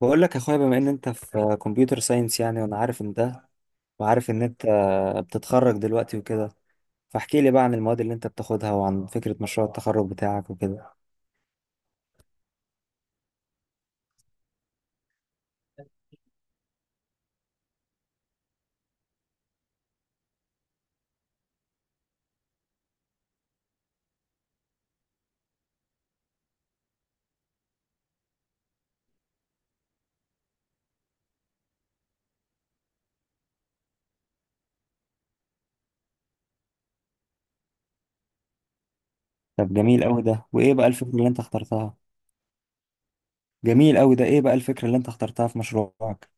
بقول لك يا اخويا، بما ان انت في كمبيوتر ساينس، يعني وانا عارف ان ده. وعارف ان انت بتتخرج دلوقتي وكده، فاحكي لي بقى عن المواد اللي انت بتاخدها وعن فكرة مشروع التخرج بتاعك وكده. طب جميل قوي ده، وايه بقى الفكرة اللي انت اخترتها؟ جميل قوي ده، ايه بقى الفكرة اللي انت اخترتها في مشروعك؟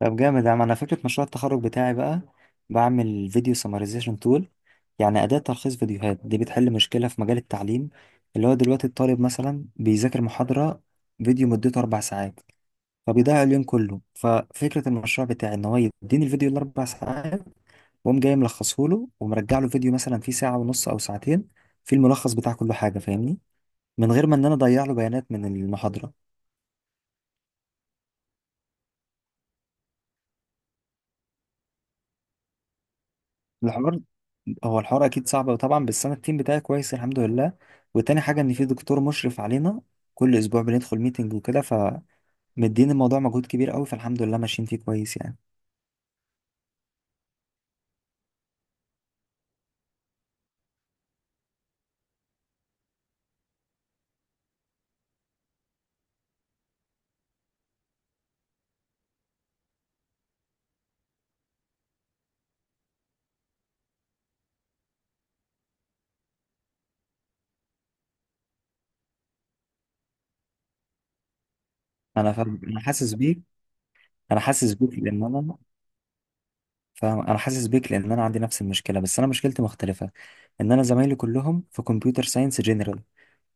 طب جامد يا عم. انا فكرة مشروع التخرج بتاعي بقى، بعمل فيديو سمرايزيشن تول، يعني أداة تلخيص فيديوهات. دي بتحل مشكلة في مجال التعليم، اللي هو دلوقتي الطالب مثلا بيذاكر محاضرة، فيديو مدته 4 ساعات، فبيضيع اليوم كله. ففكرة المشروع بتاعي ان هو يديني الفيديو ال4 ساعات، واقوم جاي ملخصه له ومرجع له فيديو مثلا فيه ساعة ونص او ساعتين، فيه الملخص بتاع كل حاجة، فاهمني، من غير ما ان انا اضيع له بيانات من المحاضرة. الحوار، هو الحوار اكيد صعب طبعا، بس انا التيم بتاعي كويس الحمد لله. وتاني حاجة ان في دكتور مشرف علينا، كل اسبوع بندخل ميتنج وكده، فمدين. الموضوع مجهود كبير قوي، فالحمد لله ماشيين فيه كويس يعني. انا فاهم، انا حاسس بيك. انا حاسس بيك لان انا فاهم، انا حاسس بيك لان انا عندي نفس المشكله، بس انا مشكلتي مختلفه. ان انا زمايلي كلهم في كمبيوتر ساينس جنرال،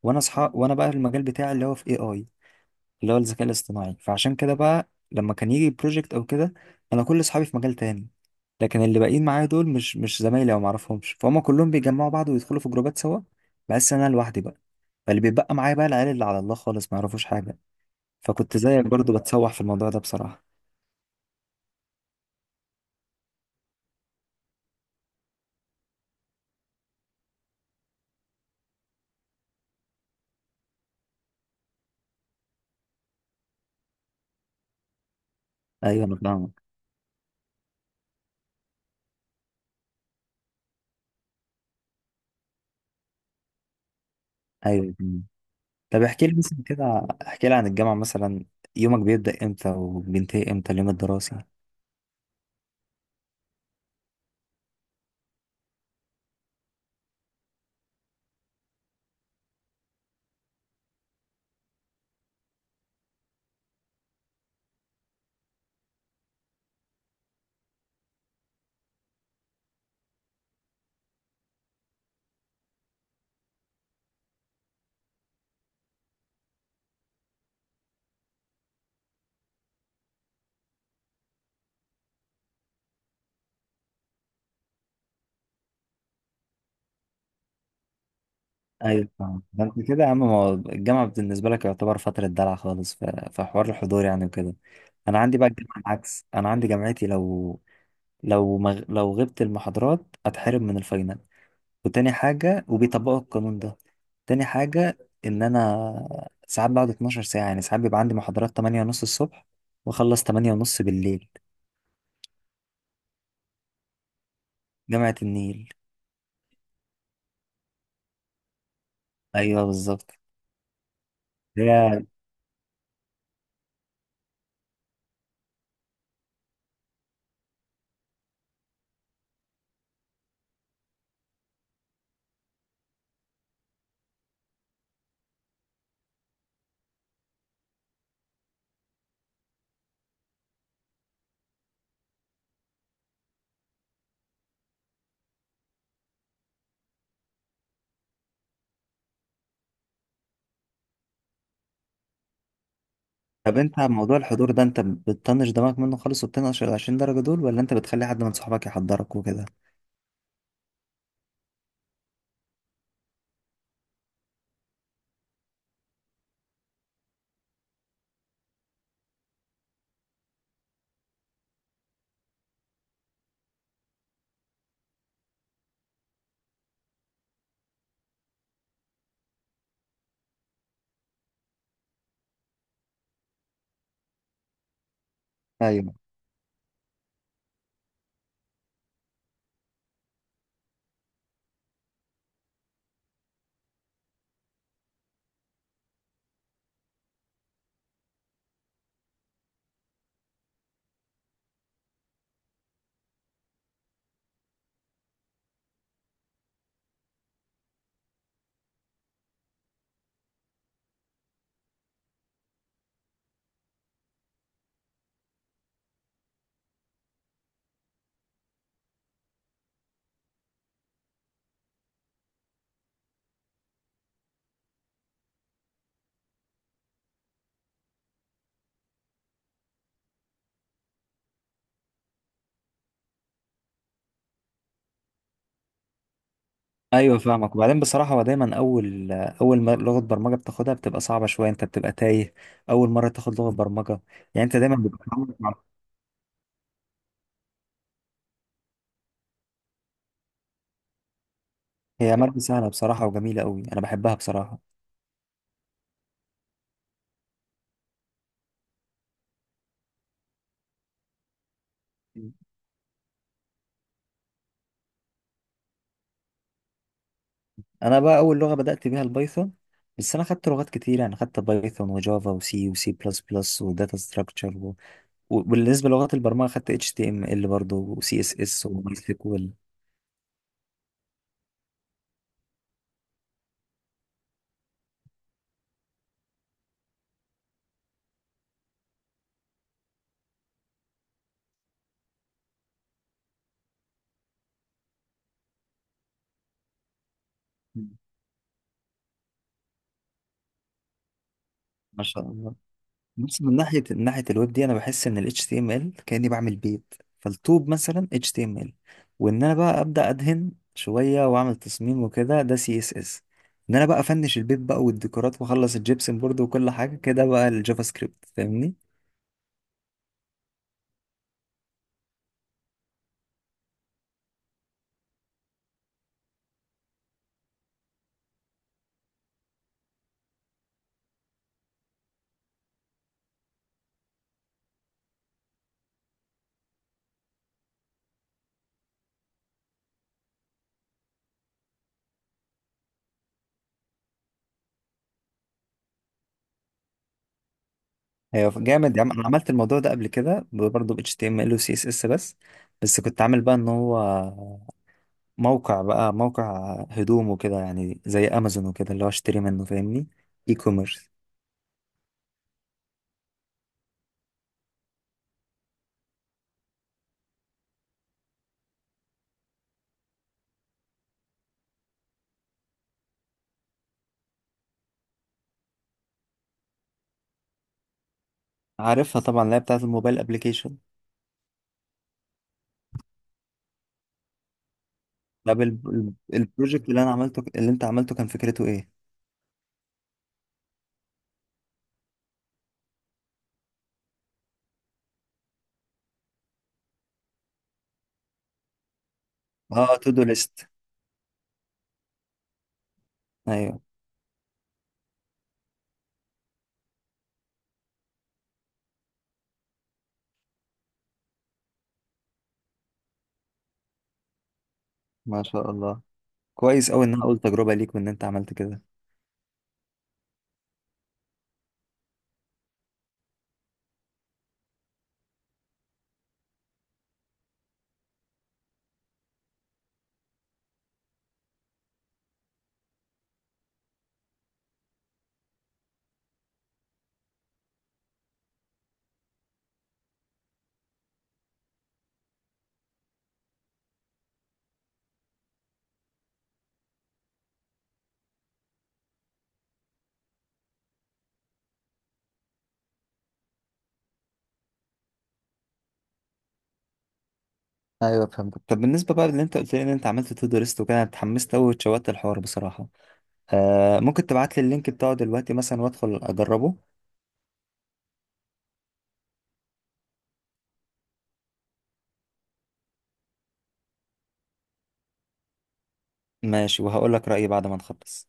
وانا اصحى وانا بقى المجال بتاعي اللي هو في اي اي، اللي هو الذكاء الاصطناعي، فعشان كده بقى لما كان يجي بروجكت او كده، انا كل اصحابي في مجال تاني، لكن اللي باقيين معايا دول مش زمايلي او معرفهمش، فهم كلهم بيجمعوا بعض ويدخلوا في جروبات سوا. بحس ان انا لوحدي بقى، فاللي بيتبقى معايا بقى العيال اللي على الله خالص، ما يعرفوش حاجه. فكنت زيك برضو بتسوح في الموضوع ده بصراحه. ايوه انا فاهمك. ايوه، طب احكي لي مثلا كده، احكي لي عن الجامعة مثلا. يومك بيبدأ امتى وبينتهي امتى اليوم الدراسي؟ ايوه فاهم. ده انت كده يا عم، ما هو الجامعة بالنسبة لك يعتبر فترة دلع خالص، في حوار الحضور يعني وكده. انا عندي بقى الجامعة العكس، انا عندي جامعتي لو غبت المحاضرات اتحرم من الفاينل، وتاني حاجة، وبيطبقوا القانون ده. تاني حاجة، ان انا ساعات بقعد 12 ساعة، يعني ساعات بيبقى عندي محاضرات 8 ونص الصبح واخلص 8 ونص بالليل. جامعة النيل. ايوه بالظبط. هي، طب انت على موضوع الحضور ده، انت بتطنش دماغك منه خالص وبتنقش ال 20 درجه دول، ولا انت بتخلي حد من صحابك يحضرك وكده؟ ايوه، ايوه فاهمك. وبعدين بصراحه، هو دايما اول ما لغه برمجه بتاخدها بتبقى صعبه شويه، انت بتبقى تايه اول مره تاخد لغه برمجه. يعني انت دايما بتبقى عمرك ما- هي ماده سهله بصراحه وجميله قوي، انا بحبها بصراحه. انا بقى اول لغه بدات بيها البايثون، بس انا خدت لغات كتير، يعني خدت بايثون وجافا وسي وسي بلس بلس وداتا ستراكشر، وبالنسبه للغات البرمجه خدت اتش تي ام ال برضه وسي اس اس وماي سيكوال. ما شاء الله. بس من ناحيه، من ناحيه الويب دي، انا بحس ان ال HTML كاني بعمل بيت، فالطوب مثلا HTML. وان انا بقى ابدا ادهن شويه واعمل تصميم وكده، ده CSS. ان انا بقى افنش البيت بقى والديكورات واخلص الجبسن بورد وكل حاجه كده، بقى الجافا سكريبت، فاهمني. هي جامد يا عم. انا عملت الموضوع ده قبل كده برضه ب HTML و CSS بس. بس كنت عامل بقى ان هو موقع، بقى موقع هدوم وكده يعني، زي امازون وكده، اللي هو اشتري منه، فاهمني؟ اي كوميرس. عارفها طبعا، اللي هي بتاعت الموبايل ابلكيشن. طب البروجكت اللي انا عملته، اللي انت عملته، كان فكرته ايه؟ اه، تو دو ليست. ايوه. ما شاء الله. كويس قوي ان انا اقول تجربه ليك وان انت عملت كده. ايوه فهمتك. طب بالنسبه بقى اللي انت قلت لي ان انت عملت تو دو ليست وكده، انا اتحمست قوي واتشوقت الحوار بصراحه. آه، ممكن تبعت لي اللينك بتاعه دلوقتي مثلا وادخل اجربه؟ ماشي، وهقول لك رايي بعد ما نخلص.